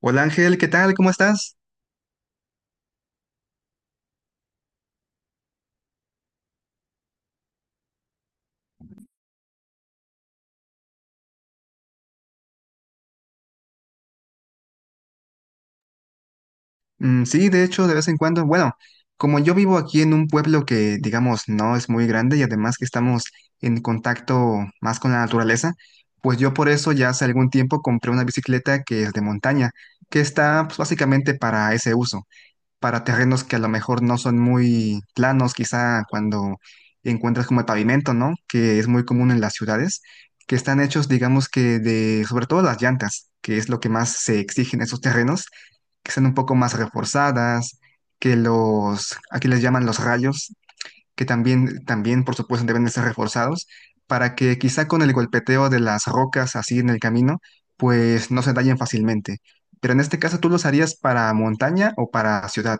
Hola Ángel, ¿qué tal? ¿Cómo estás? Sí, de hecho, de vez en cuando, bueno, como yo vivo aquí en un pueblo que, digamos, no es muy grande y además que estamos en contacto más con la naturaleza, pues yo por eso ya hace algún tiempo compré una bicicleta que es de montaña, que está pues, básicamente para ese uso. Para terrenos que a lo mejor no son muy planos, quizá cuando encuentras como el pavimento, ¿no? Que es muy común en las ciudades, que están hechos, digamos que de, sobre todo las llantas, que es lo que más se exige en esos terrenos, que sean un poco más reforzadas, que los, aquí les llaman los rayos, que también, también por supuesto deben de ser reforzados, para que quizá con el golpeteo de las rocas así en el camino, pues no se dañen fácilmente. Pero en este caso, ¿tú los harías para montaña o para ciudad?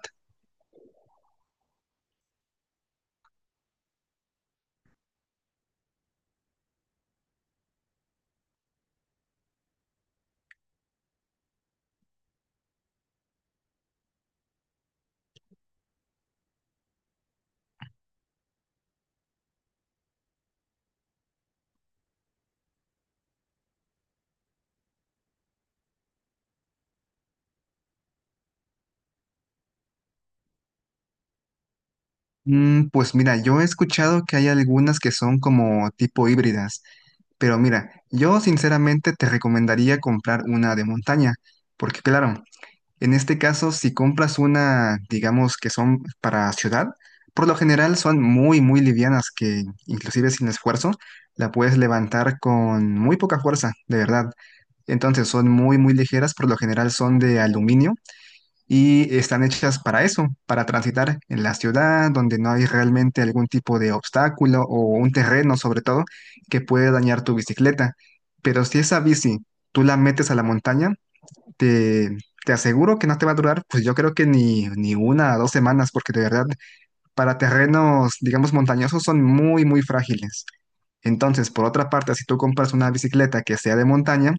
Pues mira, yo he escuchado que hay algunas que son como tipo híbridas, pero mira, yo sinceramente te recomendaría comprar una de montaña, porque claro, en este caso si compras una, digamos que son para ciudad, por lo general son muy, muy livianas que inclusive sin esfuerzo la puedes levantar con muy poca fuerza, de verdad. Entonces son muy, muy ligeras, por lo general son de aluminio y están hechas para eso, para transitar en la ciudad donde no hay realmente algún tipo de obstáculo o un terreno sobre todo que puede dañar tu bicicleta. Pero si esa bici tú la metes a la montaña, te, te aseguro que no te va a durar, pues yo creo que ni, ni una o dos semanas, porque de verdad para terrenos, digamos, montañosos son muy, muy frágiles. Entonces, por otra parte, si tú compras una bicicleta que sea de montaña,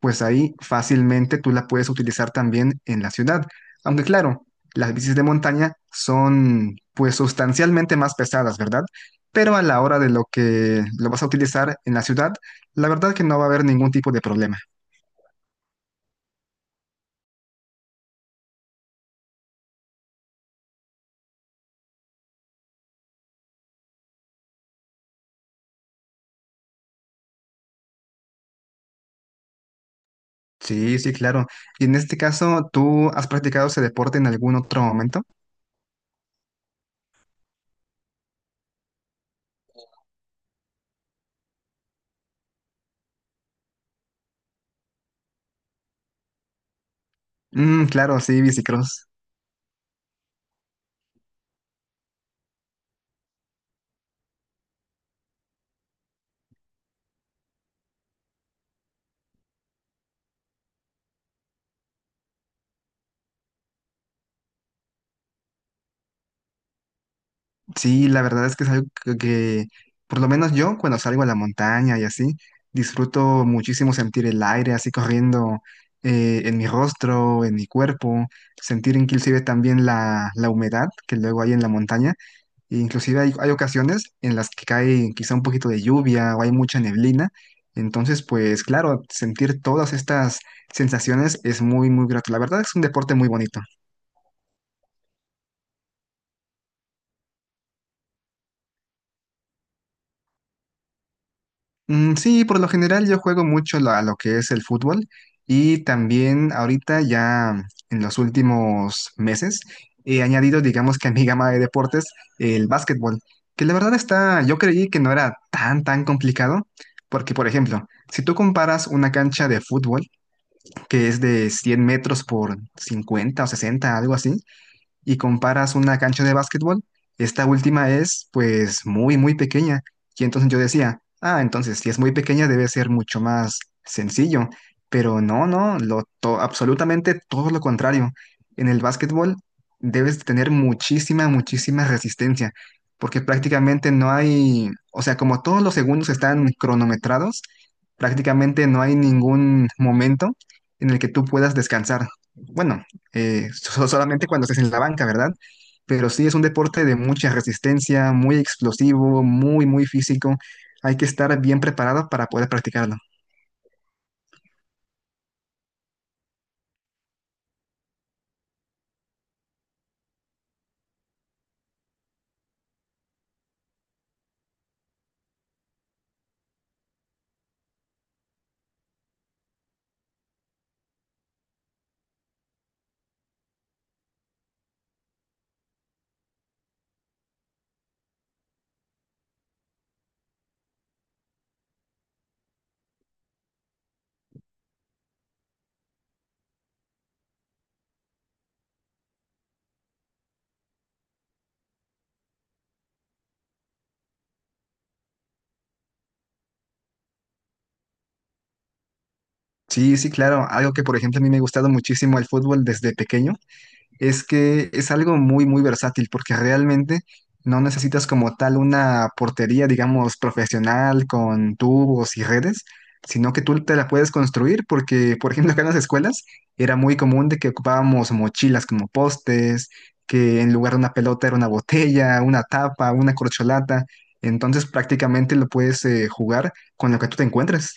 pues ahí fácilmente tú la puedes utilizar también en la ciudad. Aunque claro, las bicis de montaña son pues sustancialmente más pesadas, ¿verdad? Pero a la hora de lo que lo vas a utilizar en la ciudad, la verdad que no va a haber ningún tipo de problema. Sí, sí, claro. Y en este caso, ¿tú has practicado ese deporte en algún otro momento? Claro, sí, bicicross. Sí, la verdad es que es algo que, por lo menos yo, cuando salgo a la montaña y así, disfruto muchísimo sentir el aire así corriendo en mi rostro, en mi cuerpo, sentir inclusive también la humedad que luego hay en la montaña. E inclusive hay ocasiones en las que cae quizá un poquito de lluvia o hay mucha neblina. Entonces, pues claro, sentir todas estas sensaciones es muy, muy grato. La verdad es un deporte muy bonito. Sí, por lo general yo juego mucho a lo que es el fútbol y también ahorita ya en los últimos meses he añadido, digamos que a mi gama de deportes, el básquetbol, que la verdad está, yo creí que no era tan, tan complicado, porque por ejemplo, si tú comparas una cancha de fútbol que es de 100 metros por 50 o 60 algo así, y comparas una cancha de básquetbol, esta última es pues muy, muy pequeña. Y entonces yo decía, ah, entonces si es muy pequeña debe ser mucho más sencillo. Pero no, no, absolutamente todo lo contrario. En el básquetbol debes tener muchísima, muchísima resistencia, porque prácticamente no hay, o sea, como todos los segundos están cronometrados, prácticamente no hay ningún momento en el que tú puedas descansar. Bueno, solamente cuando estés en la banca, ¿verdad? Pero sí es un deporte de mucha resistencia, muy explosivo, muy, muy físico. Hay que estar bien preparado para poder practicarlo. Sí, sí, claro. Algo que, por ejemplo, a mí me ha gustado muchísimo el fútbol desde pequeño. Es que es algo muy, muy versátil porque realmente no necesitas como tal una portería, digamos, profesional con tubos y redes, sino que tú te la puedes construir porque, por ejemplo, acá en las escuelas era muy común de que ocupábamos mochilas como postes, que en lugar de una pelota era una botella, una tapa, una corcholata. Entonces prácticamente lo puedes jugar con lo que tú te encuentres.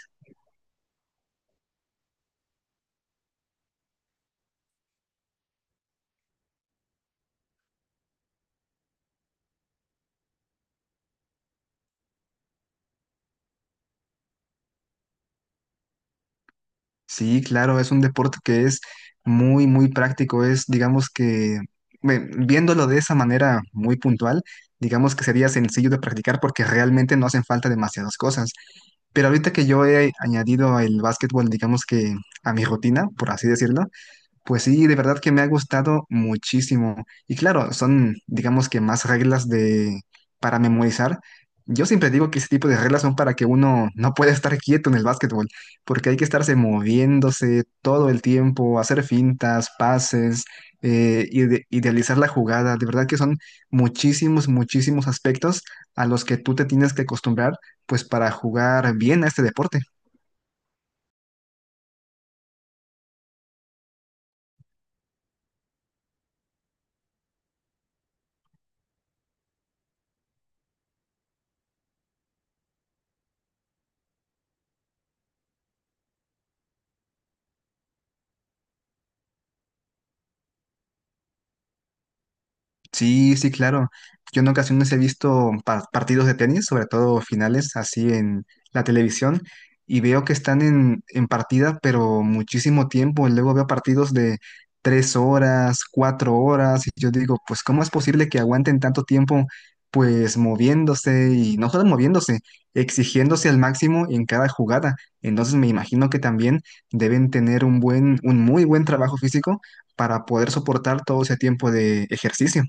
Sí, claro, es un deporte que es muy, muy práctico. Es, digamos que, bueno, viéndolo de esa manera muy puntual, digamos que sería sencillo de practicar porque realmente no hacen falta demasiadas cosas. Pero ahorita que yo he añadido el básquetbol, digamos que a mi rutina, por así decirlo, pues sí, de verdad que me ha gustado muchísimo. Y claro, son, digamos que más reglas de para memorizar. Yo siempre digo que ese tipo de reglas son para que uno no pueda estar quieto en el básquetbol, porque hay que estarse moviéndose todo el tiempo, hacer fintas, pases, idealizar la jugada. De verdad que son muchísimos, muchísimos aspectos a los que tú te tienes que acostumbrar, pues para jugar bien a este deporte. Sí, sí, claro. Yo en ocasiones he visto partidos de tenis, sobre todo finales, así en la televisión, y veo que están en partida, pero muchísimo tiempo. Luego veo partidos de 3 horas, 4 horas, y yo digo, pues, ¿cómo es posible que aguanten tanto tiempo, pues, moviéndose y no solo moviéndose, exigiéndose al máximo en cada jugada? Entonces me imagino que también deben tener un buen, un muy buen trabajo físico para poder soportar todo ese tiempo de ejercicio.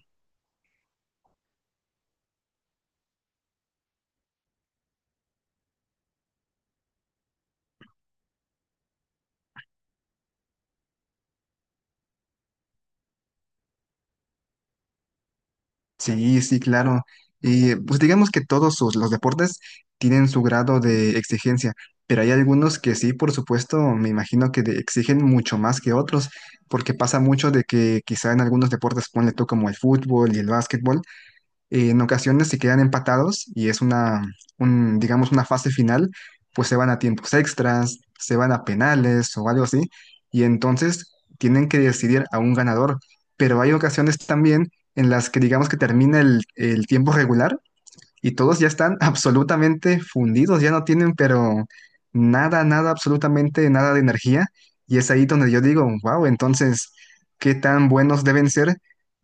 Sí, sí, claro. Y pues digamos que todos los deportes tienen su grado de exigencia, pero hay algunos que sí, por supuesto, me imagino que exigen mucho más que otros, porque pasa mucho de que quizá en algunos deportes, ponle tú como el fútbol y el básquetbol, en ocasiones si quedan empatados y es digamos, una fase final, pues se van a tiempos extras, se van a penales o algo así, y entonces tienen que decidir a un ganador. Pero hay ocasiones también en las que digamos que termina el tiempo regular y todos ya están absolutamente fundidos, ya no tienen, pero nada, nada, absolutamente nada de energía. Y es ahí donde yo digo, wow, entonces, ¿qué tan buenos deben ser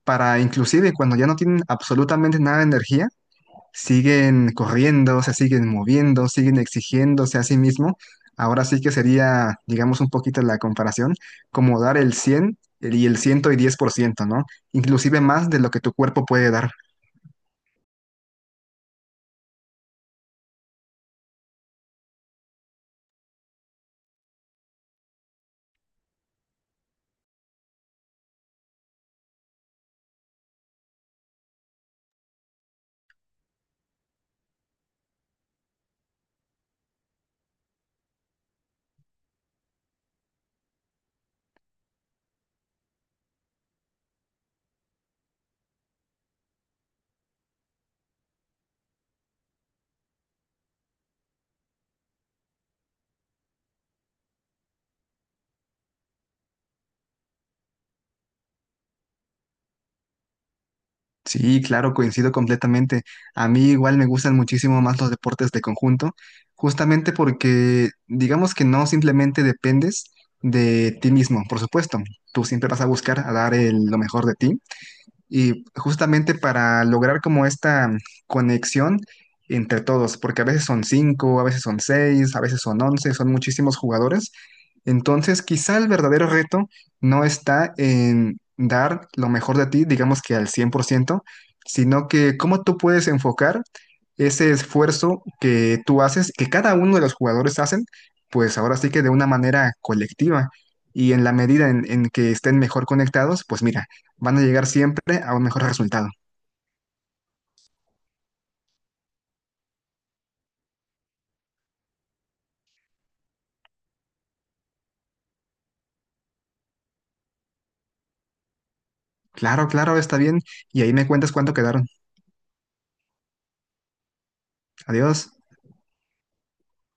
para inclusive cuando ya no tienen absolutamente nada de energía, siguen corriendo, se siguen moviendo, siguen exigiéndose a sí mismo? Ahora sí que sería, digamos, un poquito la comparación, como dar el 100 y el 110%, ¿no? Inclusive más de lo que tu cuerpo puede dar. Sí, claro, coincido completamente. A mí igual me gustan muchísimo más los deportes de conjunto, justamente porque digamos que no simplemente dependes de ti mismo, por supuesto. Tú siempre vas a buscar a dar lo mejor de ti, y justamente para lograr como esta conexión entre todos, porque a veces son cinco, a veces son seis, a veces son 11, son muchísimos jugadores. Entonces, quizá el verdadero reto no está en dar lo mejor de ti, digamos que al 100%, sino que cómo tú puedes enfocar ese esfuerzo que tú haces, que cada uno de los jugadores hacen, pues ahora sí que de una manera colectiva. Y en la medida en que estén mejor conectados, pues mira, van a llegar siempre a un mejor resultado. Claro, claro, está bien. Y ahí me cuentas cuánto quedaron. Adiós.